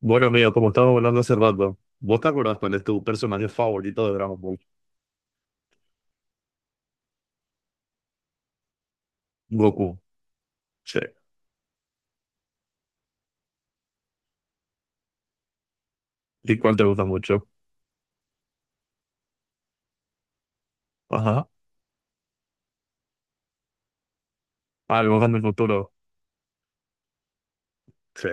Bueno, amigo, como estábamos hablando hace rato, ¿vos te acordás cuál es tu personaje favorito de Dragon Ball? Goku. Sí. ¿Y cuál te gusta mucho? Ajá. Ah, el Gohan del futuro. Sí.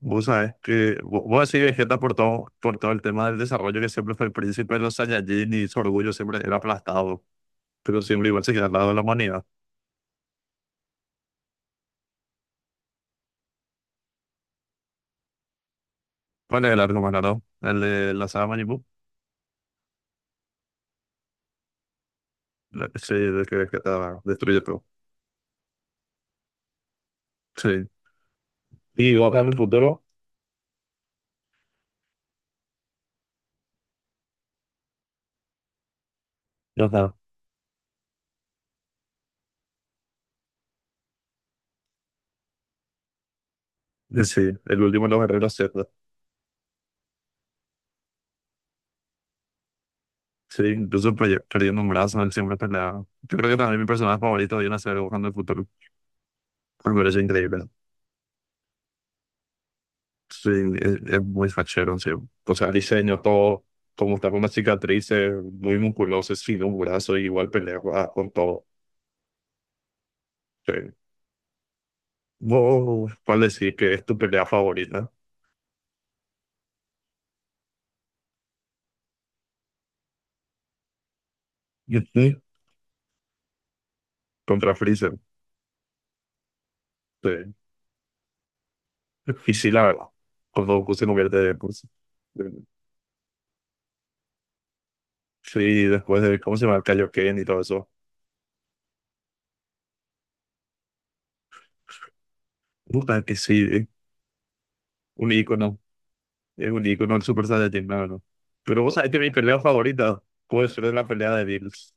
Vos sabés que... Vos decís Vegeta por todo el tema del desarrollo que siempre fue el príncipe de los Saiyajin y su orgullo siempre era aplastado, pero siempre igual se queda al lado de la humanidad. ¿Cuál es el arco más largo? ¿El de la saga Majin Buu? Sí, el que Vegeta destruye todo. Sí. Y Gohan del futuro, ya está. Sí, el último de los guerreros. Sí, incluso perdiendo un brazo, él siempre peleaba. Yo creo que también mi personaje favorito viene a ser Buscando el Futuro. Me parece increíble. Sí, es muy fachero, sí. O sea, diseño, todo, como está con una cicatriz, muy musculoso, sin un brazo, y igual pelea ah, con todo. Sí. Wow, ¿cuál decir que es tu pelea favorita? Ujú. Contra Freezer. Sí. Y sí, la verdad, cuando Goku se convierte en... pues, sí, después de, ¿cómo se llama? El Kaioken y todo eso. Puta que sí, un ícono. Es un icono del Super Saiyajin, la verdad. Pero vos sabés que mi pelea favorita puede ser la pelea de Bills.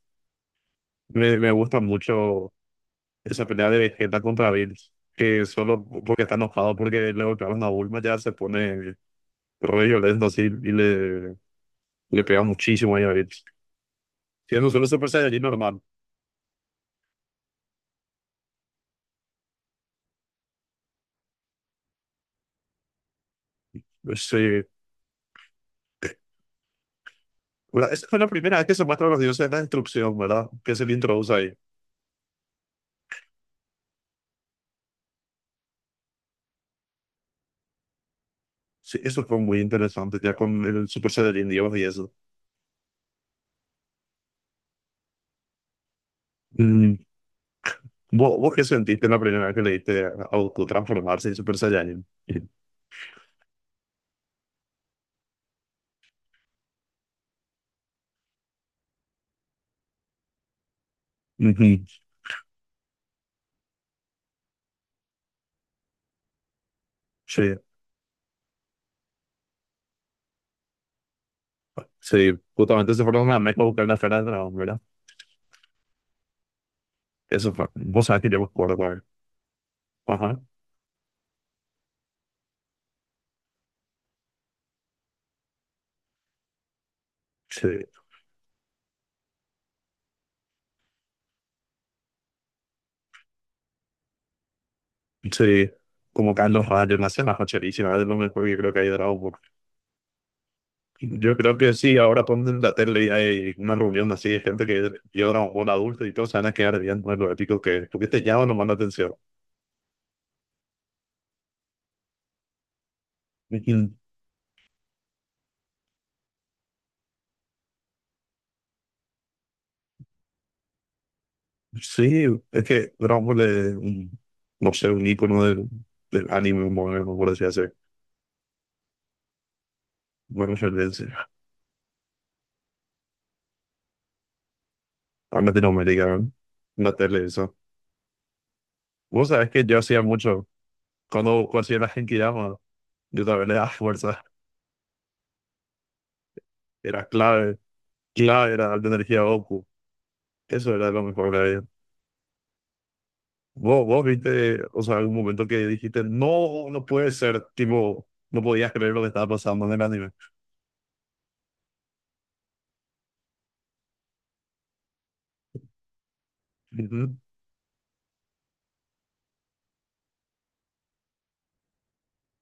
Me gusta mucho esa pelea de Vegeta contra Bills, que solo porque está enojado porque le golpearon a Bulma ya se pone re violento así y le pega muchísimo ahí a Bills. Siendo solo Super Saiyajin normal. Pues, sí. Bueno, esa fue la primera vez que se muestra los dioses de la destrucción, ¿verdad? Que se le introduce ahí. Sí, eso fue muy interesante, ya con el Super Saiyajin Dios y eso. Mm, ¿vos qué sentiste la primera vez que le diste a Goku transformarse en Super Saiyan? Ujú. Sí, sí, justamente se fueron a México a buscar la esfera del dragón, ¿verdad? Eso fue, vos sabés que yo me acuerdo, güey. Ajá, sí, sí, como Carlos Rayos, una escena facherísima, es lo mejor que creo que hay de Dragon Ball. Yo creo que sí, ahora ponen la tele y hay una reunión así de gente que vio Dragon Ball adulto y todos se van a quedar viendo lo épico que tuviste ya o no manda atención. Sí, es que Dragon Ball es un, no sé, un icono del, del anime moderno, por así decirlo. Bueno, yo le decía, a Latinoamérica, en la tele, eso. Vos sabés que yo hacía mucho, cuando hacía la Genkidama, yo también le daba fuerza, era clave, clave era la energía Goku, eso era lo mejor que había. Vos viste, o sea, algún momento que dijiste, no, no puede ser, tipo, no podías creer lo que estaba pasando en el anime. Ujú.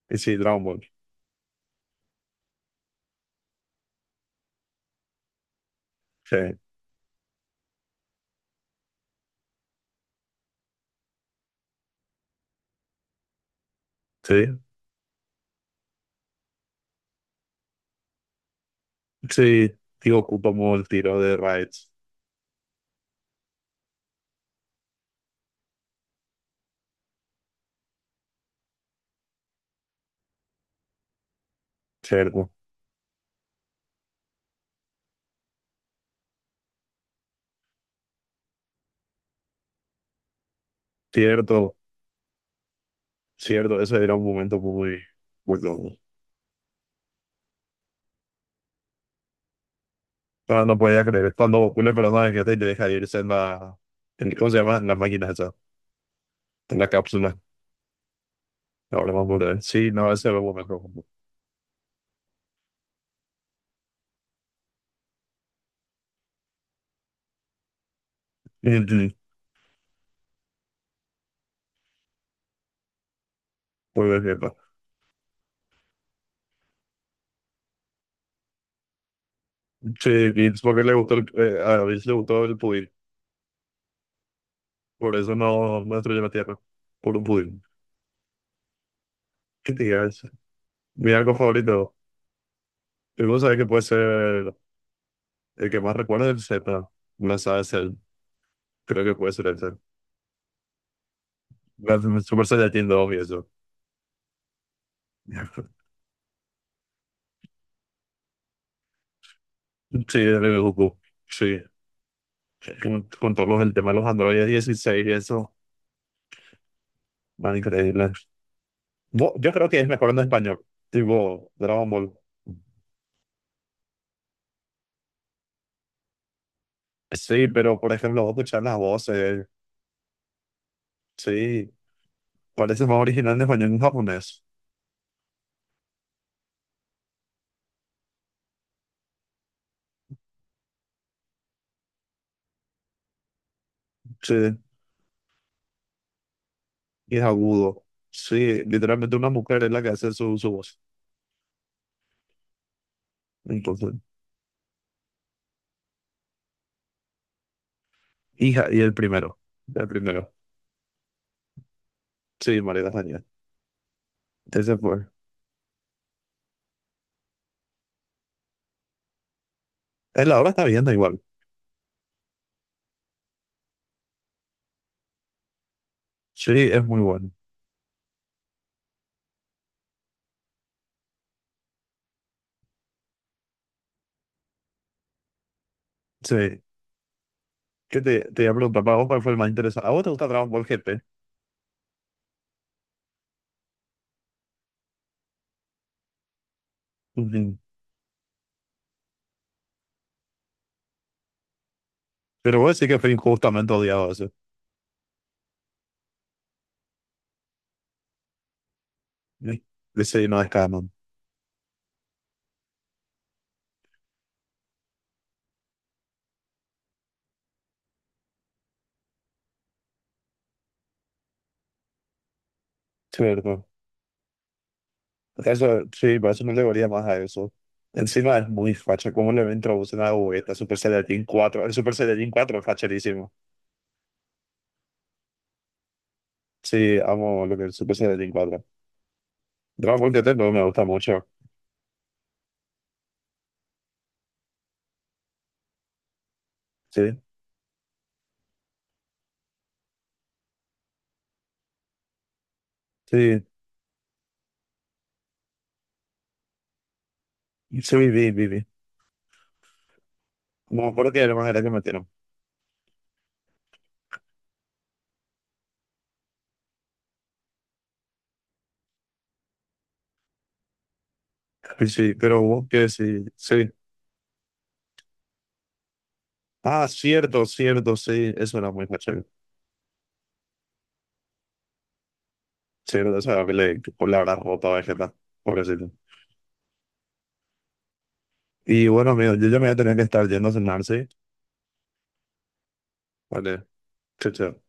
Y sí, Dragon Ball, sí, sí, sí, tío, ocupa como el tiro de Raids. Cierto, cierto, cierto. Ese era un momento muy, muy loco. No, no podía creer. Cuando una persona que te deja irse en la. ¿Cómo se llama? En la máquina esa. En la cápsula. Ahora vamos a ver. Sí, no, ese era un momento. Muy bien, cierto. Sí, y es porque le gustó el, a David le gustó el pudín. Por eso no, no destruyó la tierra. Por un pudín. ¿Qué te digas? Mi algo favorito. Y vos sabés que puede ser. El que más recuerdo es el Z. No sabes el. Creo que puede ser el Z. La Super Saiyajin 2, obvio, eso. Sí, el de Goku. Sí. Con todos los, el tema de los androides 16 y eso. Man, increíble. Yo creo que es mejor en español. Tipo, Dragon Ball. Sí, pero por ejemplo, vos escuchar las voces. Sí. Parece más original en español que en japonés. Sí. Y es agudo. Sí, literalmente una mujer es la que hace su, su voz. Entonces. Hija, y el primero. El primero. Sí, María Daniel. Ese fue. La obra está bien, da igual. Sí, es muy bueno. Sí. ¿Qué te, te iba a preguntar? ¿Para vos cuál fue el más interesante? ¿A vos te gusta Dragon Ball GT? Ujú. Pero vos sí que fue injustamente odiado eso. Sí, ese no es canon. Cierto. Eso, sí, por eso no le volía más a eso. Encima es muy facha. ¿Cómo le introducen a Vegeta Super Saiyajin 4? El Super Saiyajin 4 es facherísimo. Sí, amo lo que es el Super Saiyajin 4. Dragon Ball GT no me gusta mucho. Sí, sí. Sí, viví, viví. No me acuerdo que era más era que metieron. Sí, sí pero vos que sí, sí. Ah, cierto, cierto, sí, eso era muy chévere. Cierto, esa era que le habrás roto a Vegeta, pobrecito. Y bueno, amigo, yo ya me voy a tener que estar yendo a cenar, ¿sí? Vale, chao, chao.